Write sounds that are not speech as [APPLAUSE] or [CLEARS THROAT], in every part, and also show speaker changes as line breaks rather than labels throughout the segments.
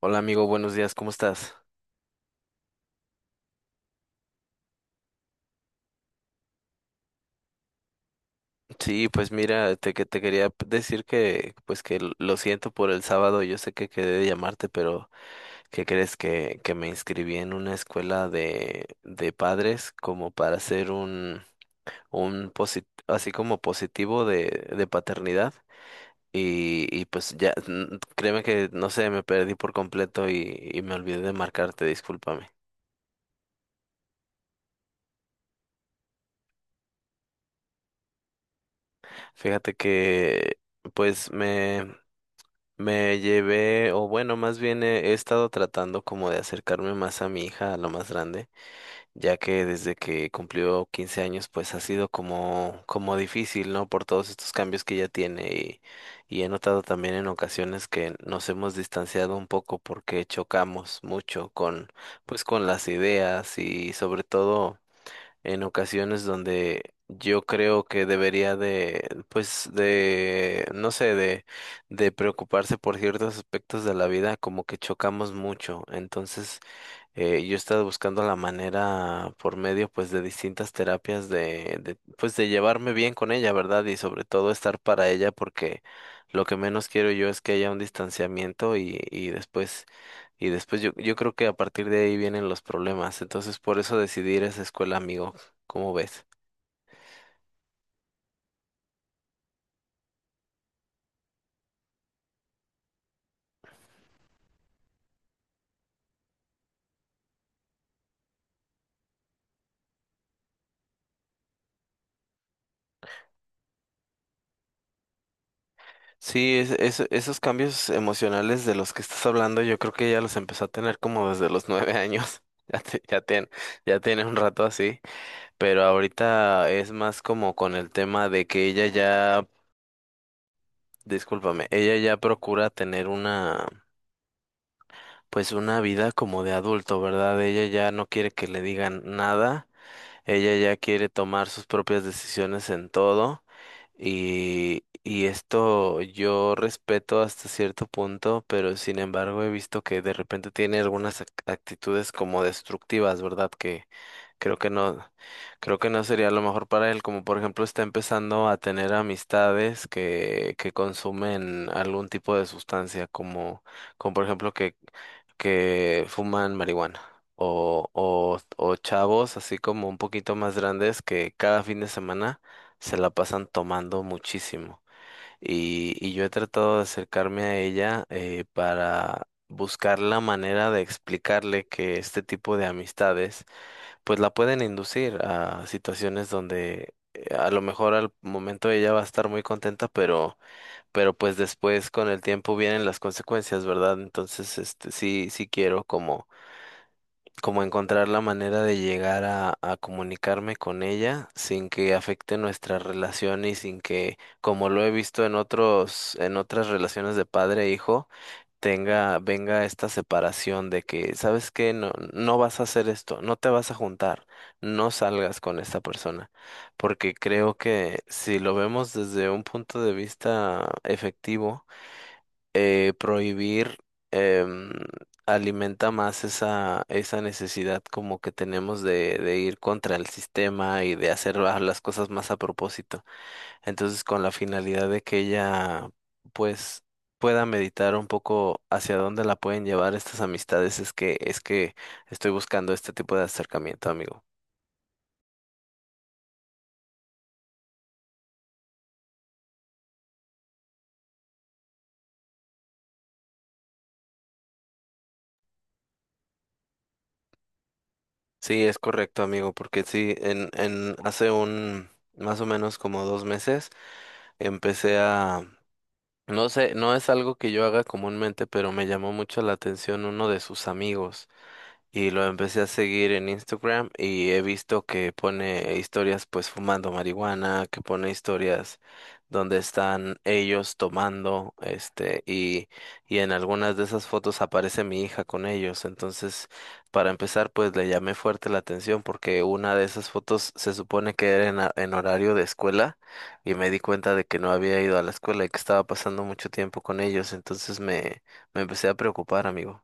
Hola amigo, buenos días, ¿cómo estás? Sí, pues mira, que te quería decir que pues que lo siento por el sábado. Yo sé que quedé de llamarte, pero ¿qué crees que me inscribí en una escuela de padres como para hacer un así como positivo de paternidad? Y pues ya, créeme que no sé, me perdí por completo y me olvidé de marcarte, discúlpame. Fíjate que pues Me llevé, o bueno, más bien he estado tratando como de acercarme más a mi hija, a lo más grande, ya que desde que cumplió 15 años, pues ha sido como difícil, ¿no? Por todos estos cambios que ella tiene, y he notado también en ocasiones que nos hemos distanciado un poco porque chocamos mucho pues con las ideas, y sobre todo en ocasiones donde yo creo que debería de, pues, no sé, de preocuparse por ciertos aspectos de la vida, como que chocamos mucho. Entonces, yo he estado buscando la manera por medio, pues, de distintas terapias de, pues, de llevarme bien con ella, ¿verdad? Y sobre todo estar para ella, porque lo que menos quiero yo es que haya un distanciamiento, y después yo, creo que a partir de ahí vienen los problemas. Entonces por eso decidí ir a esa escuela, amigo. ¿Cómo ves? Sí, esos cambios emocionales de los que estás hablando, yo creo que ya los empezó a tener como desde los 9 años. [LAUGHS] Ya, te- ya, tiene, ya tiene un rato así. Pero ahorita es más como con el tema de que discúlpame, ella ya procura tener pues una vida como de adulto, ¿verdad? Ella ya no quiere que le digan nada. Ella ya quiere tomar sus propias decisiones en todo, y esto yo respeto hasta cierto punto, pero sin embargo he visto que de repente tiene algunas actitudes como destructivas, ¿verdad? Que creo que no, creo que no sería lo mejor para él, como por ejemplo está empezando a tener amistades que consumen algún tipo de sustancia, como por ejemplo que fuman marihuana, o chavos así como un poquito más grandes que cada fin de semana se la pasan tomando muchísimo. Y yo he tratado de acercarme a ella, para buscar la manera de explicarle que este tipo de amistades pues la pueden inducir a situaciones donde, a lo mejor al momento ella va a estar muy contenta, pero, pues después con el tiempo vienen las consecuencias, ¿verdad? Entonces, este, sí, sí quiero como encontrar la manera de llegar a comunicarme con ella sin que afecte nuestra relación, y sin que, como lo he visto en otros, en otras relaciones de padre e hijo, venga esta separación de que, ¿sabes qué? No, no vas a hacer esto, no te vas a juntar, no salgas con esta persona. Porque creo que si lo vemos desde un punto de vista efectivo, prohibir em, alimenta más esa necesidad como que tenemos de ir contra el sistema y de hacer las cosas más a propósito. Entonces, con la finalidad de que ella pues pueda meditar un poco hacia dónde la pueden llevar estas amistades, es que estoy buscando este tipo de acercamiento, amigo. Sí, es correcto, amigo, porque sí, en hace un más o menos como 2 meses empecé a. No sé, no es algo que yo haga comúnmente, pero me llamó mucho la atención uno de sus amigos. Y lo empecé a seguir en Instagram y he visto que pone historias pues fumando marihuana, que pone historias donde están ellos tomando, este, y en algunas de esas fotos aparece mi hija con ellos. Entonces, para empezar, pues le llamé fuerte la atención porque una de esas fotos se supone que era en, en horario de escuela, y me di cuenta de que no había ido a la escuela y que estaba pasando mucho tiempo con ellos. Entonces me empecé a preocupar, amigo.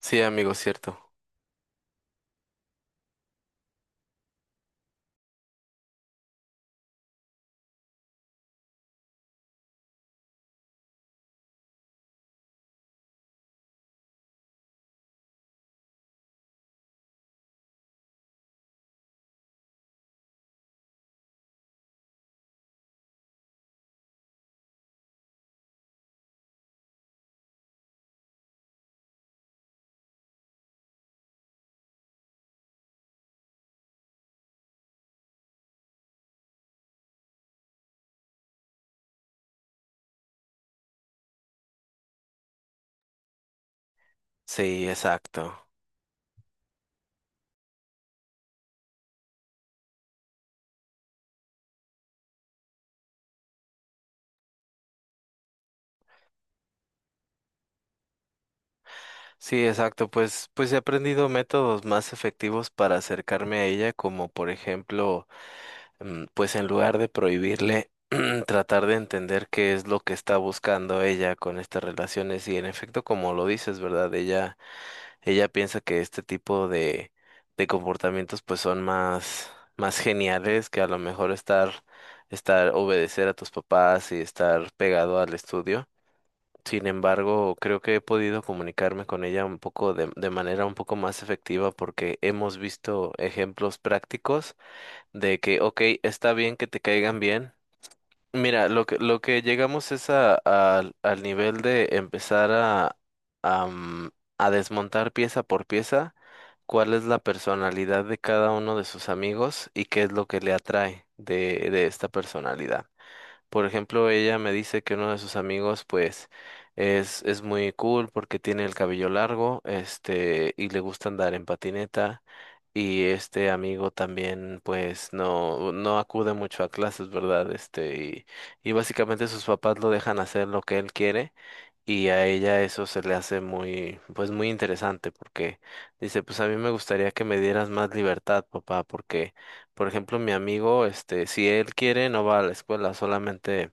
Sí, amigo, cierto. Sí, exacto. Sí, exacto. Pues, he aprendido métodos más efectivos para acercarme a ella, como por ejemplo, pues en lugar de prohibirle, [CLEARS THROAT] tratar de entender qué es lo que está buscando ella con estas relaciones. Y en efecto, como lo dices, ¿verdad? Ella piensa que este tipo de comportamientos pues son más, más geniales que a lo mejor estar, obedecer a tus papás y estar pegado al estudio. Sin embargo, creo que he podido comunicarme con ella un poco de manera un poco más efectiva porque hemos visto ejemplos prácticos de que, ok, está bien que te caigan bien. Mira, lo que llegamos es a, al al nivel de empezar a, mm, a desmontar pieza por pieza cuál es la personalidad de cada uno de sus amigos y qué es lo que le atrae de esta personalidad. Por ejemplo, ella me dice que uno de sus amigos, pues, es muy cool porque tiene el cabello largo, este, y le gusta andar en patineta. Y este amigo también, pues, no acude mucho a clases, ¿verdad? Este, y, básicamente sus papás lo dejan hacer lo que él quiere. Y a ella eso se le hace muy, pues muy interesante, porque dice, pues a mí me gustaría que me dieras más libertad, papá, porque por ejemplo, mi amigo, este, si él quiere, no va a la escuela, solamente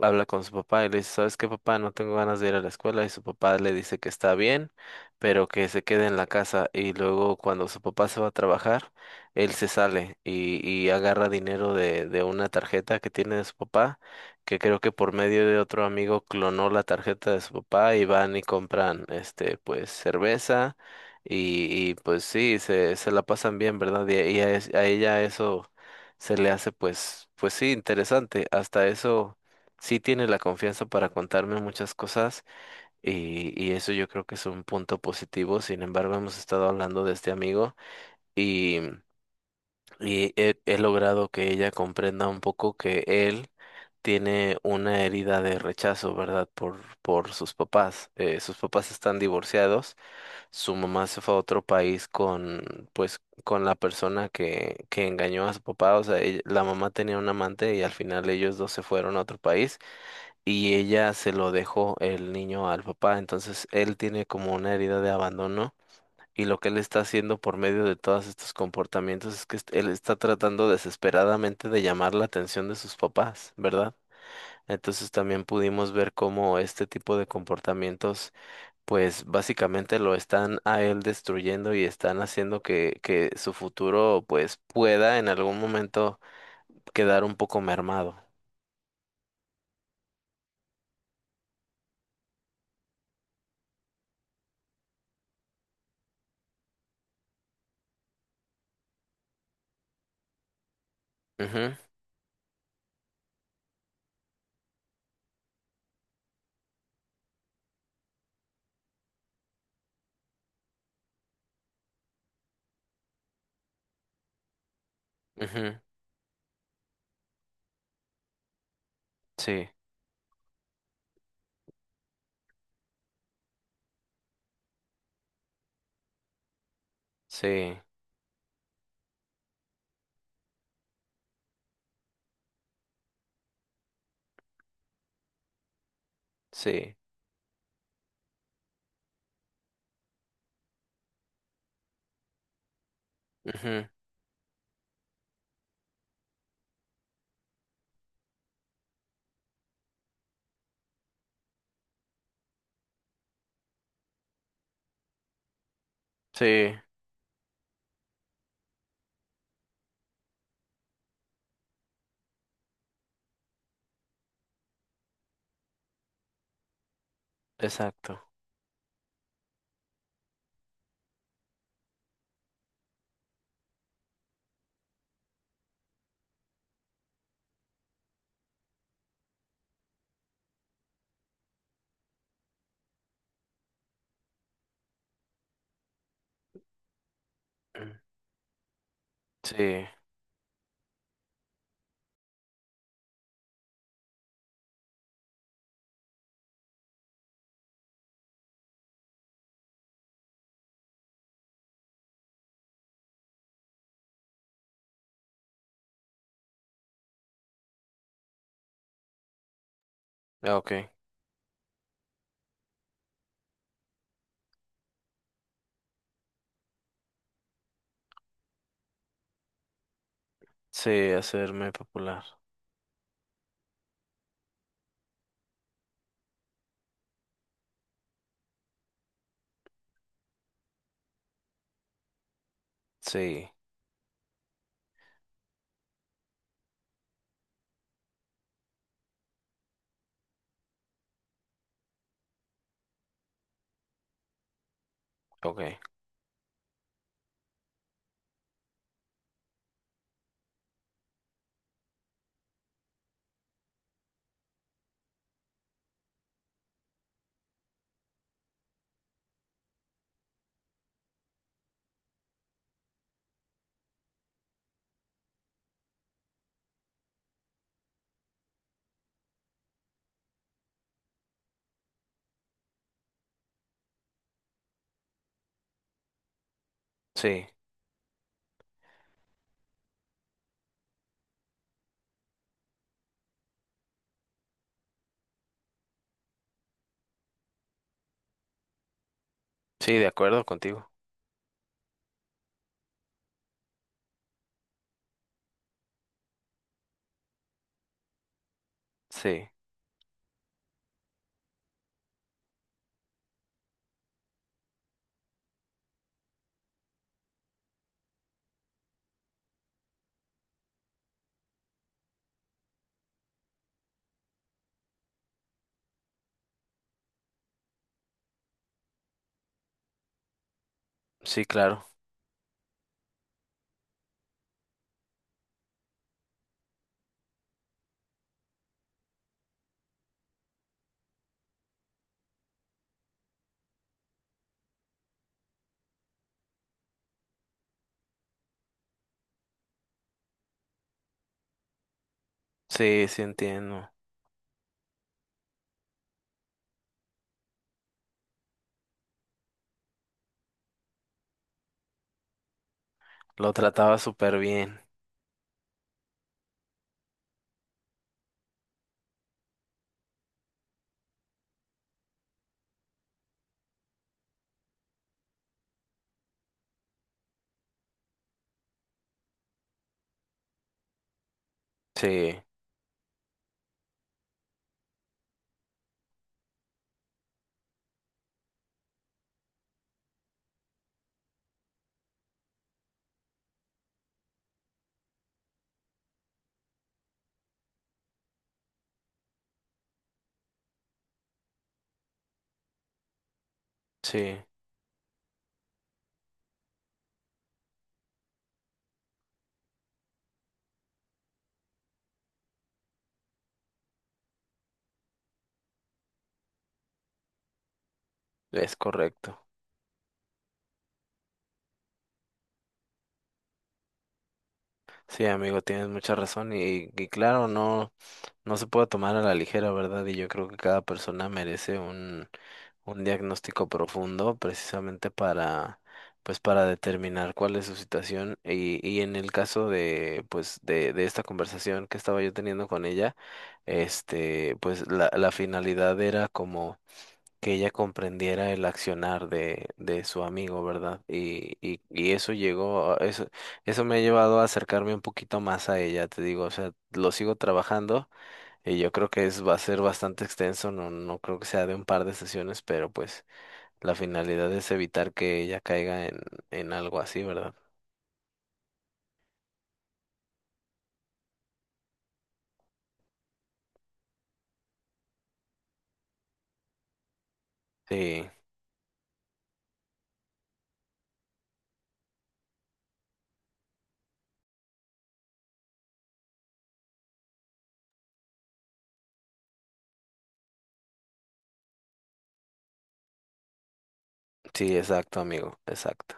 habla con su papá y le dice, ¿sabes qué, papá? No tengo ganas de ir a la escuela. Y su papá le dice que está bien, pero que se quede en la casa. Y luego cuando su papá se va a trabajar, él se sale y agarra dinero de una tarjeta que tiene de su papá, que creo que por medio de otro amigo clonó la tarjeta de su papá, y van y compran, este, pues, cerveza. Y y pues sí, se la pasan bien, ¿verdad? Y y a a ella eso se le hace pues, sí, interesante. Hasta eso sí tiene la confianza para contarme muchas cosas, y eso yo creo que es un punto positivo. Sin embargo, hemos estado hablando de este amigo, y, y he logrado que ella comprenda un poco que él tiene una herida de rechazo, ¿verdad? Por sus papás. Sus papás están divorciados, su mamá se fue a otro país con, pues, con la persona que engañó a su papá. O sea, ella- la mamá tenía un amante y al final ellos dos se fueron a otro país y ella se lo dejó el niño al papá. Entonces él tiene como una herida de abandono, y lo que él está haciendo por medio de todos estos comportamientos es que él está tratando desesperadamente de llamar la atención de sus papás, ¿verdad? Entonces también pudimos ver cómo este tipo de comportamientos pues básicamente lo están a él destruyendo, y están haciendo que su futuro pues pueda en algún momento quedar un poco mermado. Ujú, ujú, sí, sí. Sí. Ujú. Sí, exacto. Mm, sí, ah, ok. Sí, hacerme popular. Sí, ok. Sí, sí, de acuerdo contigo. Sí, sí, claro. Sí, sí entiendo. Lo trataba súper bien. Sí, sí, es correcto. Sí, amigo, tienes mucha razón, y claro, no, no se puede tomar a la ligera, ¿verdad? Y yo creo que cada persona merece un diagnóstico profundo precisamente para pues para determinar cuál es su situación. Y en el caso de pues de esta conversación que estaba yo teniendo con ella, este pues la finalidad era como que ella comprendiera el accionar de su amigo, ¿verdad? Y eso llegó, eso me ha llevado a acercarme un poquito más a ella, te digo, o sea, lo sigo trabajando, y yo creo que es, va a ser bastante extenso, no, no creo que sea de un par de sesiones, pero pues la finalidad es evitar que ella caiga en algo así, ¿verdad? Sí, sí, exacto, amigo, exacto.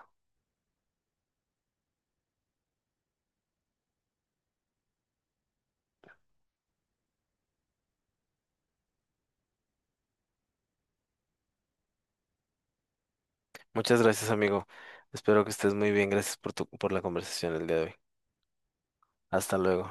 Muchas gracias, amigo. Espero que estés muy bien. Gracias por tu, por la conversación el día de hoy. Hasta luego.